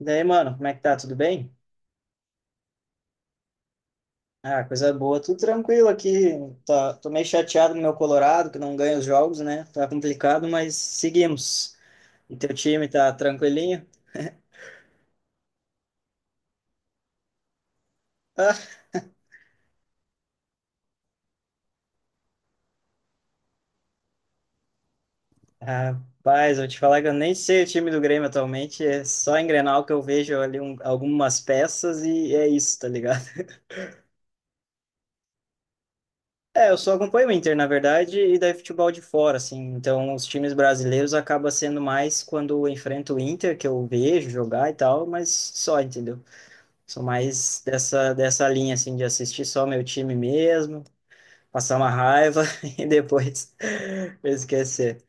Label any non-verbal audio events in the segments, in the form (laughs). E daí, mano, como é que tá? Tudo bem? Ah, coisa boa, tudo tranquilo aqui. Tá, tô meio chateado no meu Colorado, que não ganha os jogos, né? Tá complicado, mas seguimos. E teu time tá tranquilinho? Ah, rapaz, vou te falar que eu nem sei o time do Grêmio atualmente. É só em Grenal que eu vejo ali algumas peças e é isso, tá ligado? (laughs) É, eu só acompanho o Inter, na verdade, e daí futebol de fora, assim. Então, os times brasileiros acaba sendo mais quando eu enfrento o Inter, que eu vejo jogar e tal, mas só, entendeu? Sou mais dessa linha, assim, de assistir só meu time mesmo, passar uma raiva (laughs) e depois (laughs) esquecer.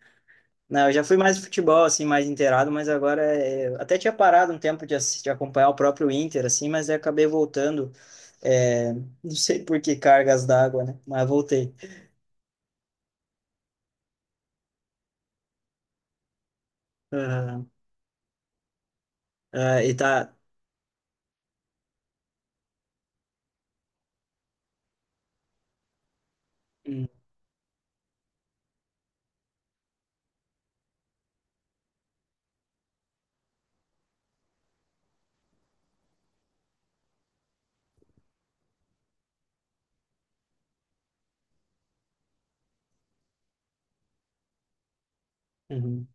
Não, eu já fui mais de futebol, assim, mais inteirado, mas agora eu até tinha parado um tempo de acompanhar o próprio Inter, assim, mas aí acabei voltando, é, não sei por que cargas d'água, né? Mas voltei. Aham. Ah, e tá. Hum. Uhum.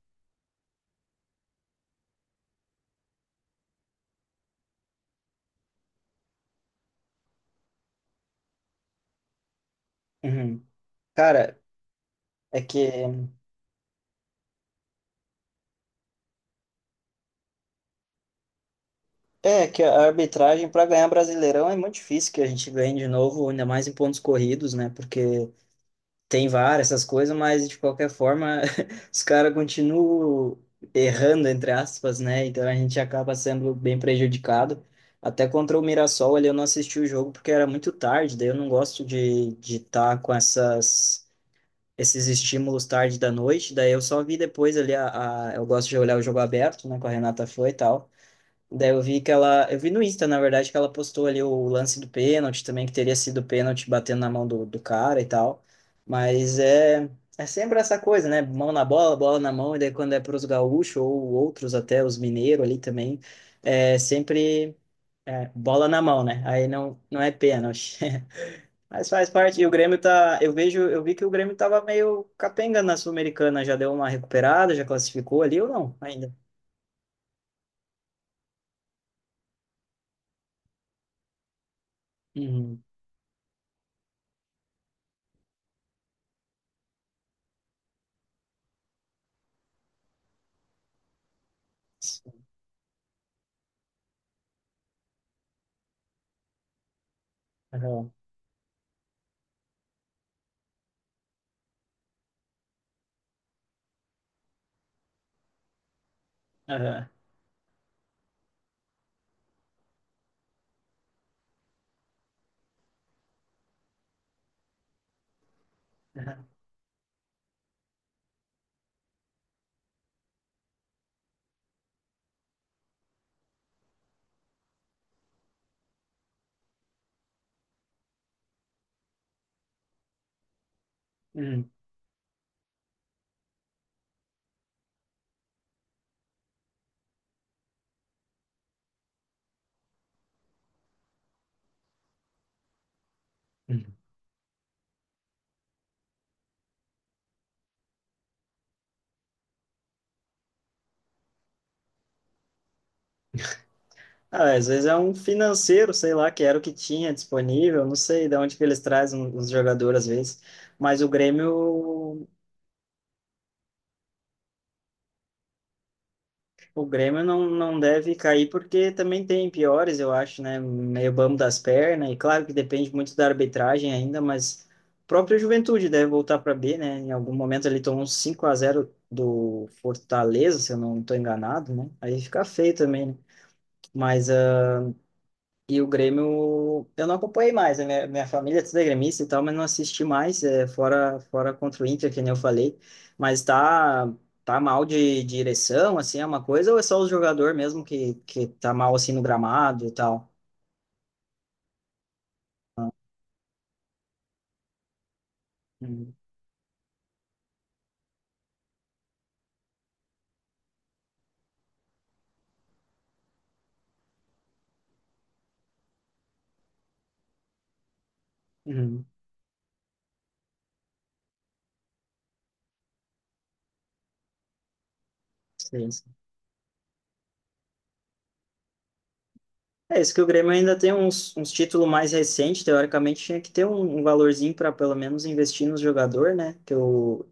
Uhum. Cara, é que é, que a arbitragem para ganhar Brasileirão é muito difícil que a gente ganhe de novo, ainda mais em pontos corridos, né? Porque tem VAR, essas coisas, mas de qualquer forma (laughs) os caras continuam errando, entre aspas, né? Então a gente acaba sendo bem prejudicado. Até contra o Mirassol ali eu não assisti o jogo porque era muito tarde, daí eu não gosto de estar com essas, esses estímulos tarde da noite, daí eu só vi depois ali, eu gosto de olhar o jogo aberto, né? Com a Renata foi e tal. Daí eu vi que ela. Eu vi no Insta, na verdade, que ela postou ali o lance do pênalti também, que teria sido pênalti batendo na mão do cara e tal. Mas é sempre essa coisa, né? Mão na bola, bola na mão, e daí quando é para os gaúchos ou outros, até os mineiros ali também, é sempre bola na mão, né? Aí não, não é pênalti. (laughs) Mas faz parte, e o Grêmio tá. Eu vi que o Grêmio tava meio capenga na Sul-Americana, já deu uma recuperada, já classificou ali ou não? Ainda. Uhum. Aham. Aham. Uhum. Uhum. Ah, às vezes é um financeiro, sei lá, que era o que tinha disponível, não sei de onde que eles trazem os jogadores às vezes, mas o Grêmio não, não deve cair porque também tem piores, eu acho, né? Meio bambo das pernas, e claro que depende muito da arbitragem ainda, mas o próprio Juventude deve voltar para B, né? Em algum momento ele tomou um 5-0 do Fortaleza, se eu não estou enganado, né? Aí fica feio também, né? Mas E o Grêmio, eu não acompanhei mais, né? Minha família é toda gremista e tal, mas não assisti mais, fora, fora contra o Inter, que nem eu falei. Mas tá, tá mal de direção, assim, é uma coisa, ou é só o jogador mesmo que tá mal, assim, no gramado e tal? Uhum. Uhum. Sim, sim. É isso que o Grêmio ainda tem uns títulos mais recentes, teoricamente tinha que ter um valorzinho para pelo menos investir no jogador, né?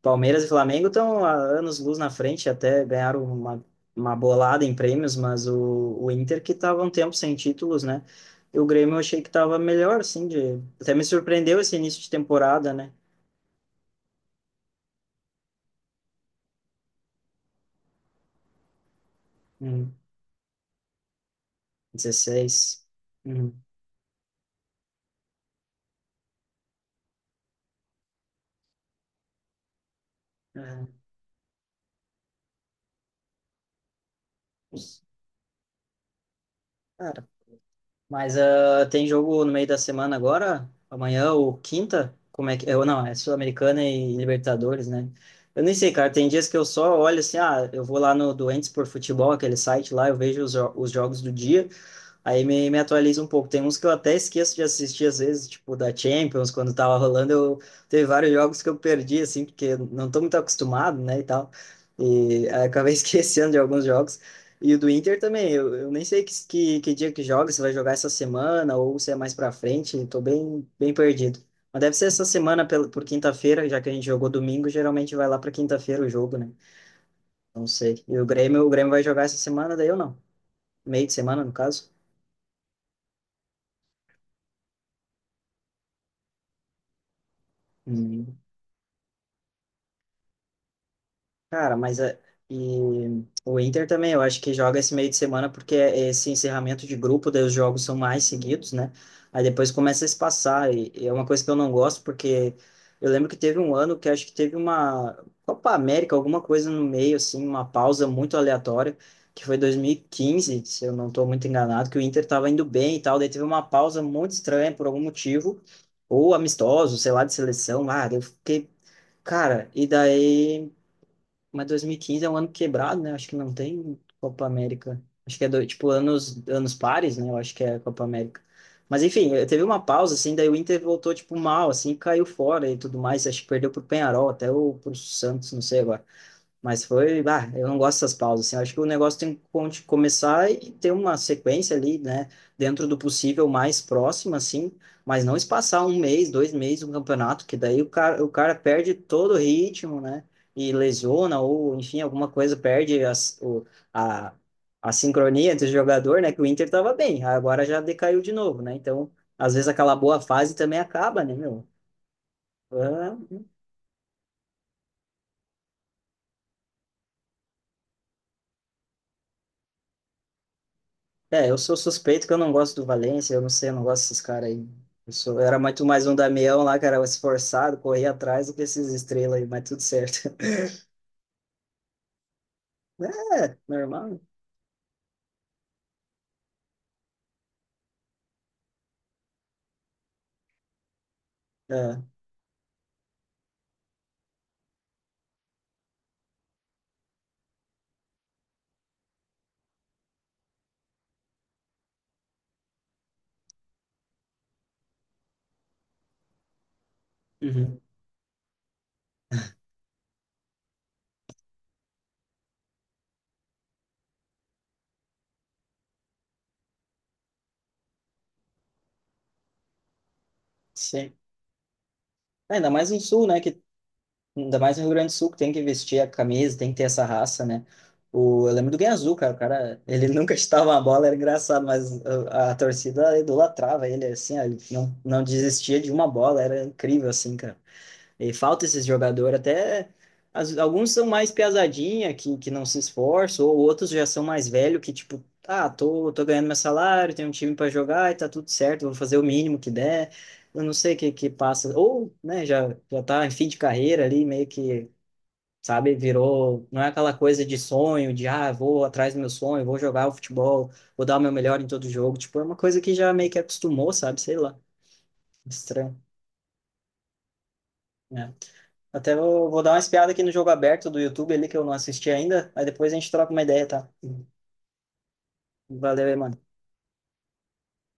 Palmeiras e Flamengo estão há anos luz na frente, até ganharam uma bolada em prêmios, mas o Inter que estava um tempo sem títulos, né? E o Grêmio eu achei que estava melhor, assim, até me surpreendeu esse início de temporada, né? Hum, 16. Hum, é. Cara, tem jogo no meio da semana agora? Amanhã ou quinta? Como é que. Eu, não, é Sul-Americana e Libertadores, né? Eu nem sei, cara. Tem dias que eu só olho assim, ah, eu vou lá no Doentes por Futebol, aquele site lá, eu vejo os jogos do dia. Aí me atualiza um pouco. Tem uns que eu até esqueço de assistir, às vezes, tipo da Champions, quando tava rolando, eu teve vários jogos que eu perdi, assim, porque não tô muito acostumado, né, e tal. E aí acabei (laughs) esquecendo de alguns jogos. E o do Inter também, eu nem sei que dia que joga, se vai jogar essa semana ou se é mais pra frente, tô bem, bem perdido. Mas deve ser essa semana por quinta-feira, já que a gente jogou domingo, geralmente vai lá pra quinta-feira o jogo, né? Não sei. E o Grêmio vai jogar essa semana, daí eu não. Meio de semana, no caso. Hum. Cara, e o Inter também, eu acho que joga esse meio de semana porque é esse encerramento de grupo, daí os jogos são mais seguidos, né? Aí depois começa a se passar, e é uma coisa que eu não gosto, porque eu lembro que teve um ano que acho que teve uma Copa América, alguma coisa no meio, assim, uma pausa muito aleatória, que foi 2015, se eu não estou muito enganado, que o Inter estava indo bem e tal, daí teve uma pausa muito estranha por algum motivo, ou amistoso, sei lá, de seleção, ah, eu fiquei, cara, e daí. Mas 2015 é um ano quebrado, né? Acho que não tem Copa América. Acho que é tipo anos pares, né? Eu acho que é Copa América. Mas enfim, teve uma pausa, assim, daí o Inter voltou, tipo, mal, assim, caiu fora e tudo mais. Acho que perdeu pro Penharol, até ou pro Santos, não sei agora. Mas foi, bah, eu não gosto dessas pausas, assim, eu acho que o negócio tem que começar e ter uma sequência ali, né, dentro do possível mais próxima, assim, mas não espaçar um mês, dois meses um campeonato, que daí o cara perde todo o ritmo, né, e lesiona, ou enfim, alguma coisa perde a, a sincronia entre o jogador, né, que o Inter tava bem, agora já decaiu de novo, né, então, às vezes aquela boa fase também acaba, né, meu? É, eu sou suspeito que eu não gosto do Valência, eu não sei, eu não gosto desses caras aí. Eu sou, eu, era muito mais um Damião lá, que era esforçado, corria atrás do que esses estrelas aí, mas tudo certo. (laughs) É, normal. É. Uhum. Sim. É, ainda mais no Sul, né? Que, ainda mais no Rio Grande do Sul, que tem que vestir a camisa, tem que ter essa raça, né? Eu lembro do Guiazul, cara. O cara, ele (laughs) nunca chutava uma bola, era engraçado, mas a torcida idolatrava ele, assim, ó, ele não, não desistia de uma bola, era incrível, assim, cara. E falta esses jogadores, até alguns são mais piazadinha, que não se esforçam, ou outros já são mais velhos, que tipo, ah, tô ganhando meu salário, tenho um time para jogar e tá tudo certo, vou fazer o mínimo que der. Eu não sei o que que passa. Ou, né, já, já tá em fim de carreira ali, meio que, sabe, virou. Não é aquela coisa de sonho, de ah, vou atrás do meu sonho, vou jogar o futebol, vou dar o meu melhor em todo jogo. Tipo, é uma coisa que já meio que acostumou, sabe? Sei lá, estranho. É. Até vou dar uma espiada aqui no jogo aberto do YouTube ali que eu não assisti ainda. Aí depois a gente troca uma ideia, tá? Valeu aí, mano.